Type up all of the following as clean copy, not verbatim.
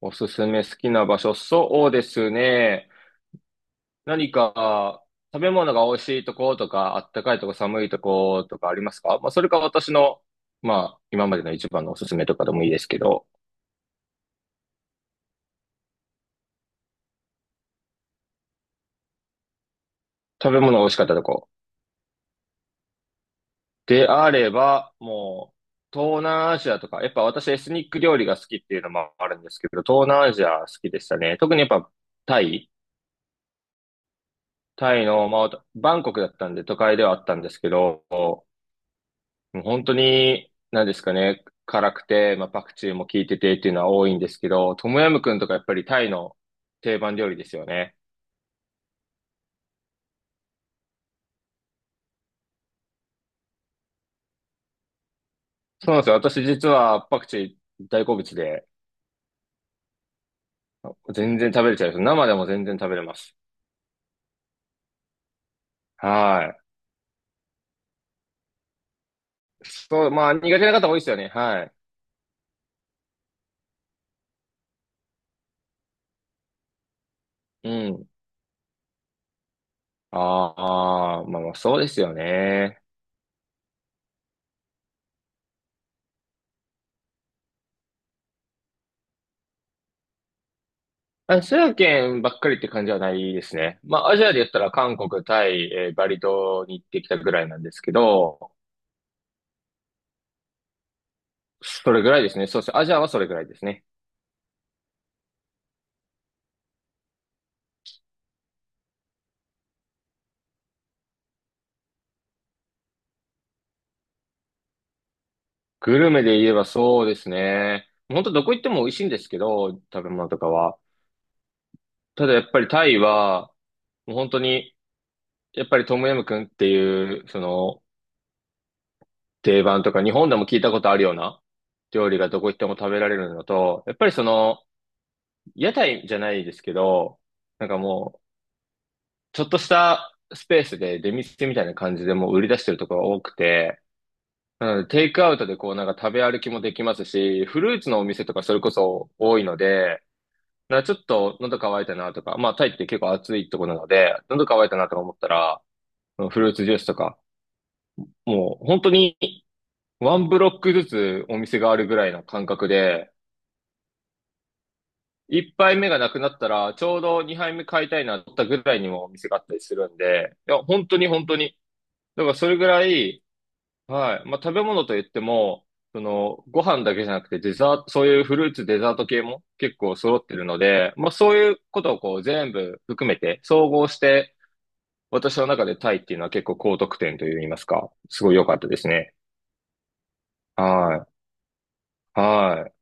おすすめ好きな場所、そうですね。何か食べ物が美味しいとことか、あったかいとこ、寒いとことかありますか？まあ、それか私の、まあ、今までの一番のおすすめとかでもいいですけど、食べ物が美味しかったとこ。であれば、もう、東南アジアとか、やっぱ私エスニック料理が好きっていうのもあるんですけど、東南アジア好きでしたね。特にやっぱタイ、タイのまあ、バンコクだったんで都会ではあったんですけど、もう本当に、何ですかね、辛くて、まあ、パクチーも効いててっていうのは多いんですけど、トムヤムクンとかやっぱりタイの定番料理ですよね。そうなんですよ。私実はパクチー大好物で、全然食べれちゃいます。生でも全然食べれます。はい。そう、まあ苦手な方多いですよね。はい。うん。ああ、まあまあそうですよね。アジア圏ばっかりって感じはないですね。まあアジアで言ったら韓国、タイ、バリ島に行ってきたぐらいなんですけど、それぐらいですね。そうですね。アジアはそれぐらいですね。グルメで言えばそうですね。本当どこ行っても美味しいんですけど、食べ物とかは。ただやっぱりタイは、もう本当に、やっぱりトムヤムクンっていう、その、定番とか、日本でも聞いたことあるような料理がどこ行っても食べられるのと、やっぱりその、屋台じゃないですけど、なんかもう、ちょっとしたスペースで出店みたいな感じでもう売り出してるところが多くて、うん、テイクアウトでこうなんか食べ歩きもできますし、フルーツのお店とかそれこそ多いので、なんかちょっと喉乾いたなとか、まあタイって結構暑いところなので、喉乾いたなとか思ったら、うん、フルーツジュースとか、もう本当にワンブロックずつお店があるぐらいの感覚で、一杯目がなくなったら、ちょうど二杯目買いたいなと思ったぐらいにもお店があったりするんで、いや、本当に本当に、だからそれぐらい、はい。まあ、食べ物といっても、その、ご飯だけじゃなくてデザート、そういうフルーツ、デザート系も結構揃ってるので、まあ、そういうことをこう全部含めて、総合して、私の中でタイっていうのは結構高得点といいますか、すごい良かったですね。はい。は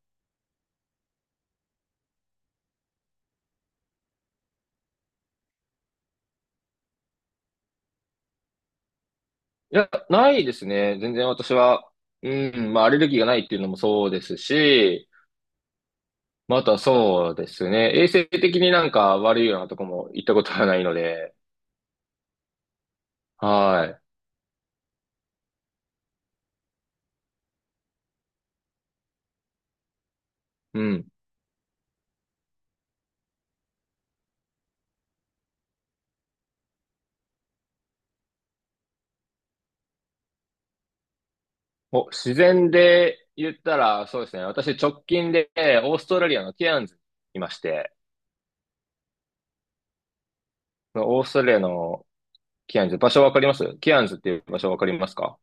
い。いや、ないですね。全然私は、うん、まあ、アレルギーがないっていうのもそうですし、まあ、あとはそうですね。衛生的になんか悪いようなとこも行ったことはないので、はい。うん。お、自然で言ったら、そうですね。私、直近で、オーストラリアのケアンズにいまして、そのオーストラリアのケアンズ、場所わかりますケアンズっていう場所わかりますか？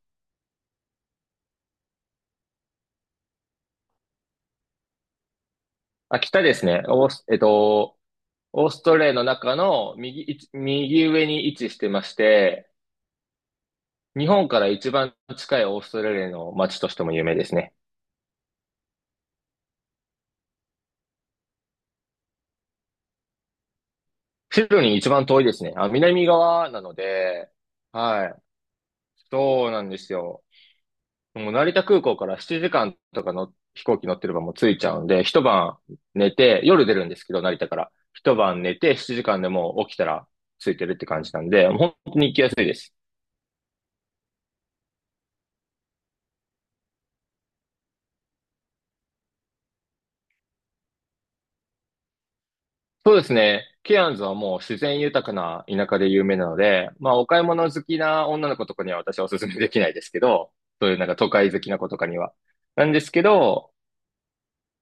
あ、北ですね。オーストラリアの中の右いち、右上に位置してまして、日本から一番近いオーストラリアの街としても有名ですね。シドニー一番遠いですね。あ、南側なので、はい。そうなんですよ。もう成田空港から7時間とかの飛行機乗ってればもう着いちゃうんで、一晩寝て、夜出るんですけど、成田から。一晩寝て、7時間でもう起きたら着いてるって感じなんで、本当に行きやすいです。そうですね。ケアンズはもう自然豊かな田舎で有名なので、まあお買い物好きな女の子とかには私はお勧めできないですけど、そういうなんか都会好きな子とかには。なんですけど、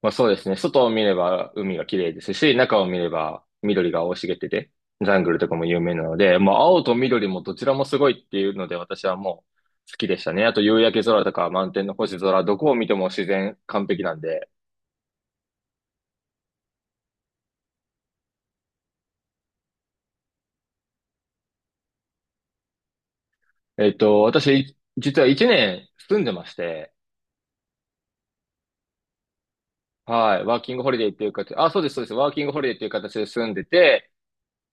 まあそうですね。外を見れば海が綺麗ですし、中を見れば緑が生い茂ってて、ジャングルとかも有名なので、まあ青と緑もどちらもすごいっていうので私はもう好きでしたね。あと夕焼け空とか満天の星空、どこを見ても自然完璧なんで。私、実は1年住んでまして、はい、ワーキングホリデーっていう形、あ、そうです、そうです、ワーキングホリデーっていう形で住んでて、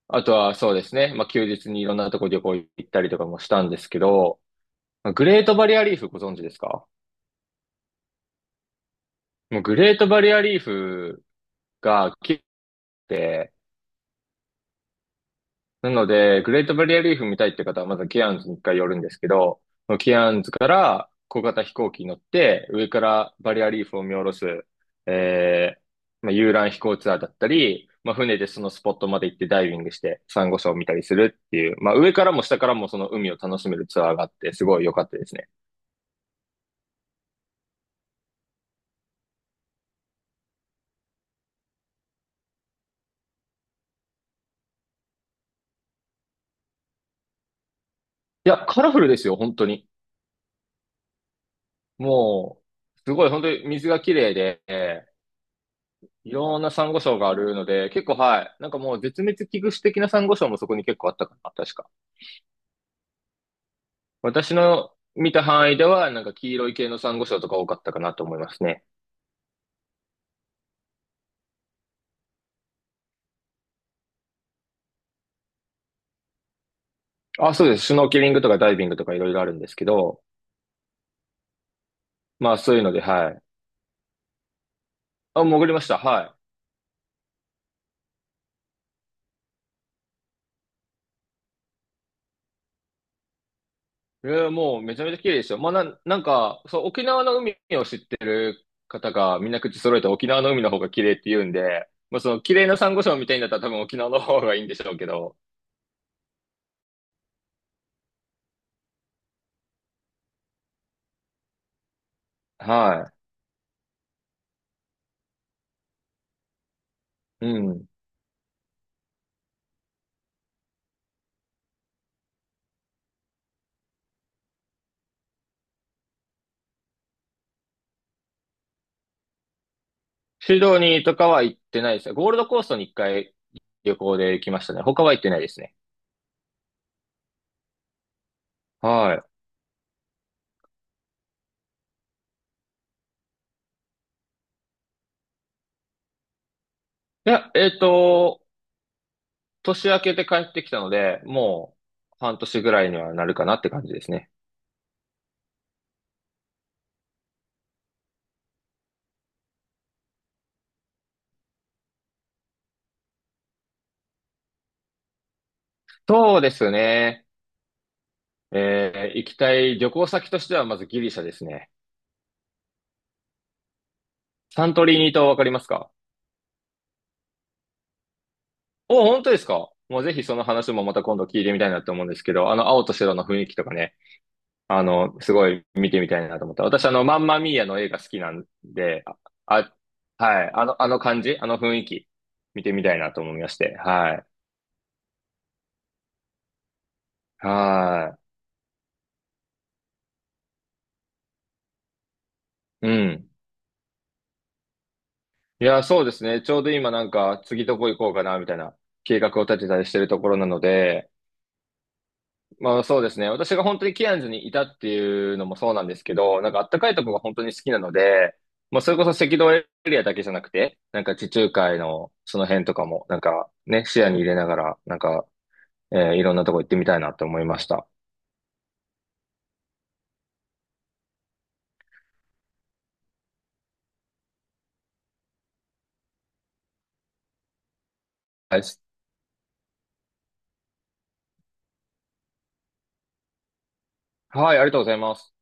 あとはそうですね、まあ休日にいろんなとこ旅行行ったりとかもしたんですけど、グレートバリアリーフご存知ですか？もうグレートバリアリーフが来て、なので、グレートバリアリーフ見たいって方は、まずケアンズに一回寄るんですけど、そのケアンズから小型飛行機に乗って、上からバリアリーフを見下ろす、えまあ、遊覧飛行ツアーだったり、まあ、船でそのスポットまで行ってダイビングして、サンゴ礁を見たりするっていう、まあ、上からも下からもその海を楽しめるツアーがあって、すごい良かったですね。いや、カラフルですよ、本当に。もう、すごい、本当に水が綺麗で、いろんなサンゴ礁があるので、結構はい。なんかもう絶滅危惧種的なサンゴ礁もそこに結構あったかな、確か。私の見た範囲では、なんか黄色い系のサンゴ礁とか多かったかなと思いますね。あ、そうです。シュノーケリングとかダイビングとかいろいろあるんですけど、まあそういうので、はい。あ、潜りました。はい。もうめちゃめちゃ綺麗ですよ。まあなんか、そう、沖縄の海を知ってる方がみんな口揃えて沖縄の海の方が綺麗って言うんで、まあその綺麗なサンゴ礁みたいになったら多分沖縄の方がいいんでしょうけど、はい。うん。シドニーとかは行ってないですね。ゴールドコーストに一回旅行で行きましたね。他は行ってないですね。はい。いや、年明けて帰ってきたので、もう半年ぐらいにはなるかなって感じですね。そうですね。行きたい旅行先としてはまずギリシャですね。サントリーニ島わかりますか？お、本当ですか？もうぜひその話もまた今度聞いてみたいなと思うんですけど、あの青と白の雰囲気とかね。あの、すごい見てみたいなと思った。私、あの、マンマミーアの映画好きなんで、あ、あはい、あの、あの感じ、あの雰囲気、見てみたいなと思いまして。はい。はい。うん。いや、そうですね。ちょうど今なんか、次どこ行こうかな、みたいな計画を立てたりしてるところなので、まあそうですね。私が本当にケアンズにいたっていうのもそうなんですけど、なんかあったかいとこが本当に好きなので、まあそれこそ赤道エリアだけじゃなくて、なんか地中海のその辺とかも、なんかね、視野に入れながら、なんか、いろんなとこ行ってみたいなと思いました。はい、はいありがとうございます。